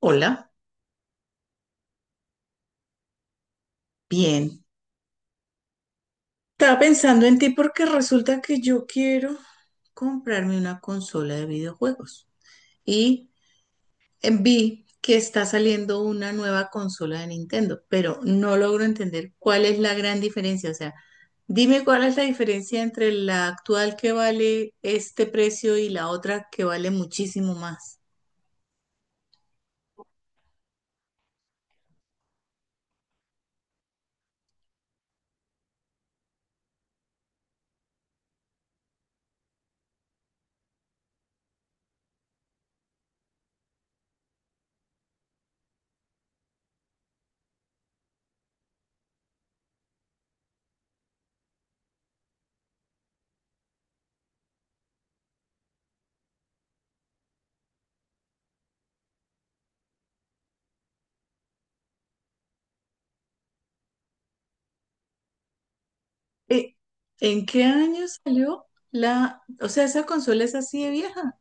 Hola, bien. Estaba pensando en ti porque resulta que yo quiero comprarme una consola de videojuegos y vi que está saliendo una nueva consola de Nintendo, pero no logro entender cuál es la gran diferencia. O sea, dime cuál es la diferencia entre la actual que vale este precio y la otra que vale muchísimo más. Eh, ¿En qué año salió o sea, esa consola es así de vieja?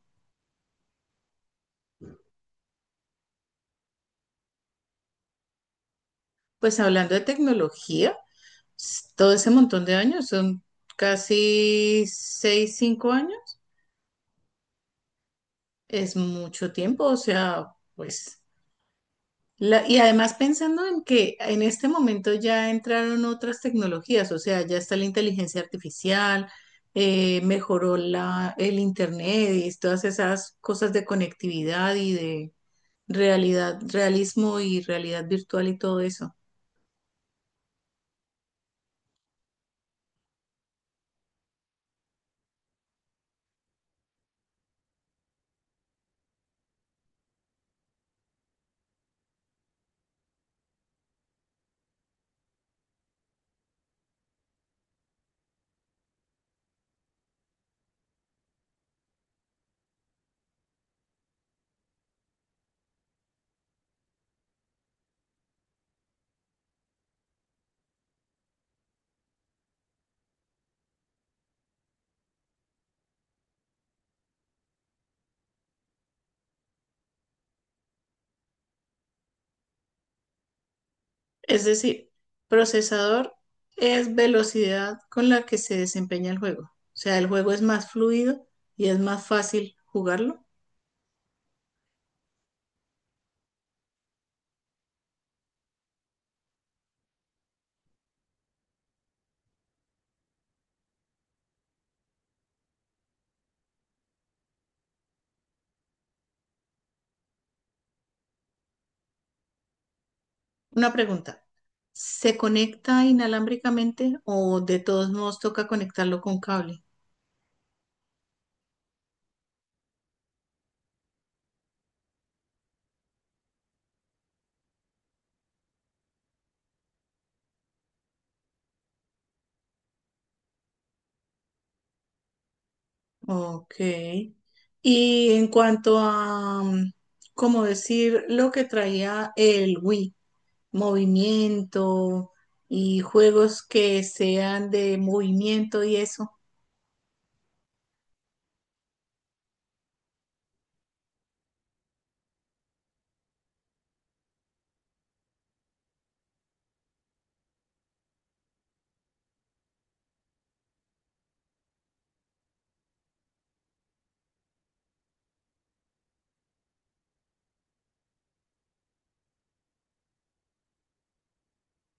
Pues hablando de tecnología. Todo ese montón de años, son casi 6, 5 años, es mucho tiempo, o sea, pues, y además pensando en que en este momento ya entraron otras tecnologías, o sea, ya está la inteligencia artificial, mejoró el internet y todas esas cosas de conectividad y de realismo y realidad virtual y todo eso. Es decir, procesador es velocidad con la que se desempeña el juego. O sea, el juego es más fluido y es más fácil jugarlo. Una pregunta, ¿se conecta inalámbricamente o de todos modos toca conectarlo con cable? Ok. Y en cuanto a, como decir, lo que traía el Wii, movimiento y juegos que sean de movimiento y eso.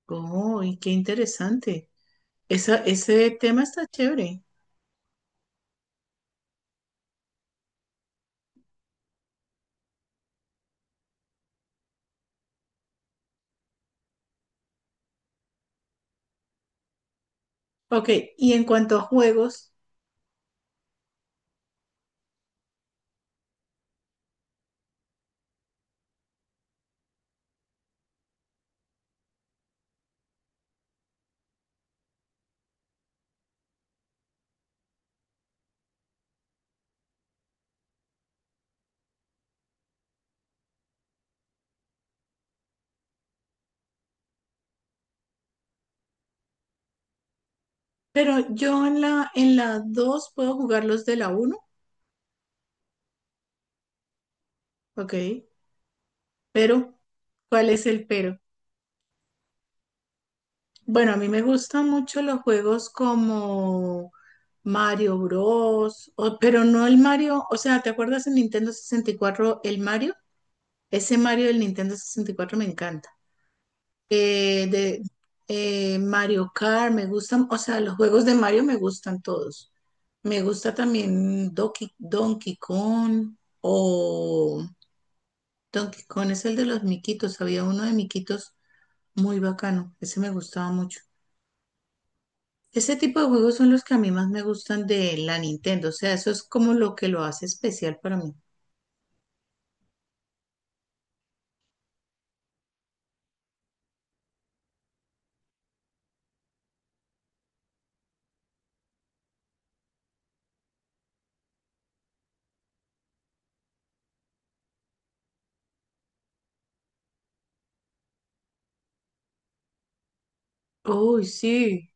Oh, y qué interesante. Esa, ese tema está chévere. Ok, y en cuanto a juegos, pero yo en la 2 puedo jugar los de la uno, ok, pero ¿cuál es el pero? Bueno, a mí me gustan mucho los juegos como Mario Bros, pero no el Mario, o sea, ¿te acuerdas en Nintendo 64 el Mario? Ese Mario del Nintendo 64 me encanta. De Mario Kart, me gustan, o sea, los juegos de Mario me gustan todos. Me gusta también Donkey Kong o Donkey Kong es el de los miquitos, había uno de miquitos muy bacano, ese me gustaba mucho. Ese tipo de juegos son los que a mí más me gustan de la Nintendo, o sea, eso es como lo que lo hace especial para mí. Uy, sí.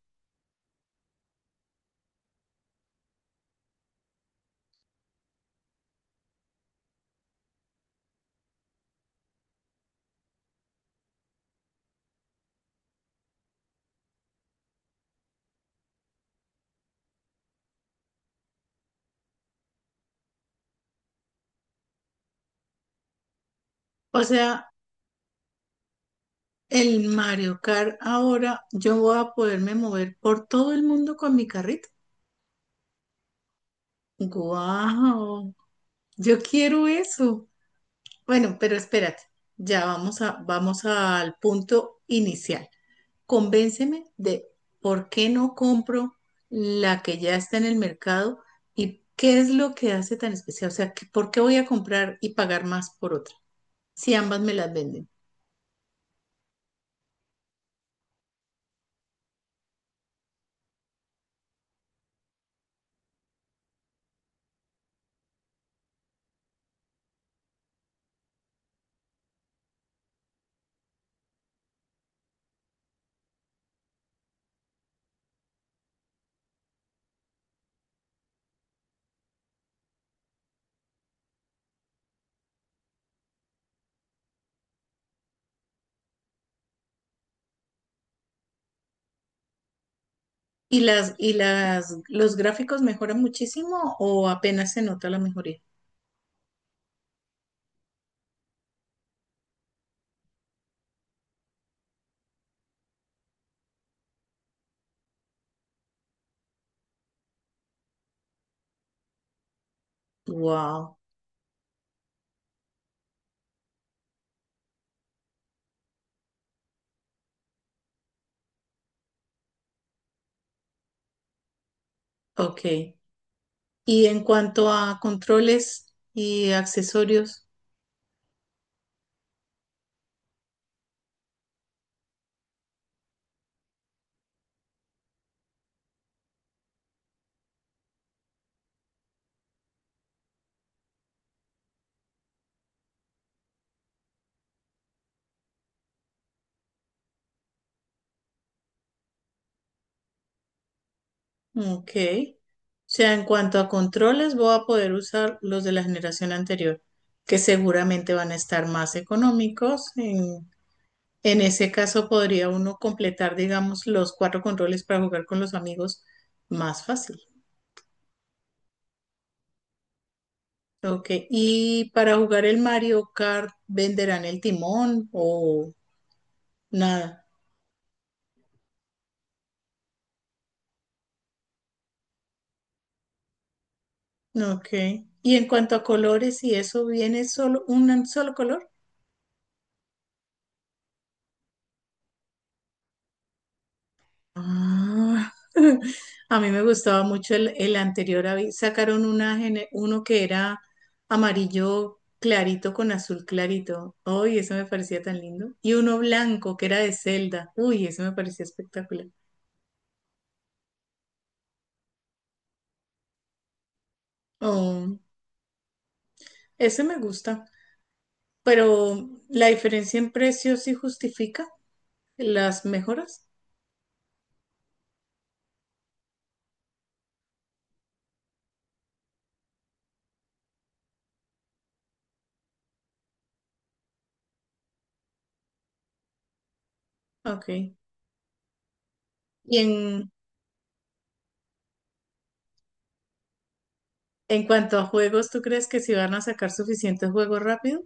O sea, el Mario Kart ahora yo voy a poderme mover por todo el mundo con mi carrito. Wow, yo quiero eso. Bueno, pero espérate, ya vamos al punto inicial. Convénceme de por qué no compro la que ya está en el mercado y qué es lo que hace tan especial. O sea, ¿por qué voy a comprar y pagar más por otra si ambas me las venden? ¿Los gráficos mejoran muchísimo o apenas se nota la mejoría? Wow, ok. Y en cuanto a controles y accesorios, ok. O sea, en cuanto a controles, voy a poder usar los de la generación anterior, que seguramente van a estar más económicos. En ese caso, podría uno completar, digamos, los cuatro controles para jugar con los amigos más fácil. Ok. Y para jugar el Mario Kart, ¿venderán el timón o nada? Ok. Y en cuanto a colores, ¿y eso viene solo un solo color? Ah, a mí me gustaba mucho el anterior. Sacaron uno que era amarillo clarito con azul clarito. Uy, eso me parecía tan lindo. Y uno blanco que era de Zelda. Uy, eso me parecía espectacular. Oh, ese me gusta. Pero la diferencia en precios sí justifica las mejoras. Ok. Y en, en cuanto a juegos, ¿tú crees que si van a sacar suficientes juegos rápido?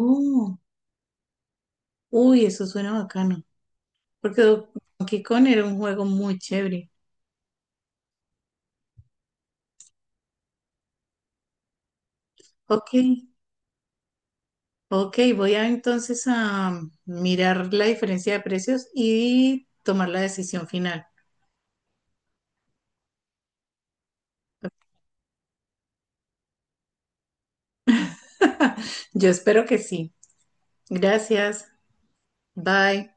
Oh, uy, eso suena bacano. Porque Donkey Kong era un juego muy chévere. Ok, ok, voy a entonces a mirar la diferencia de precios y tomar la decisión final. Yo espero que sí. Gracias. Bye.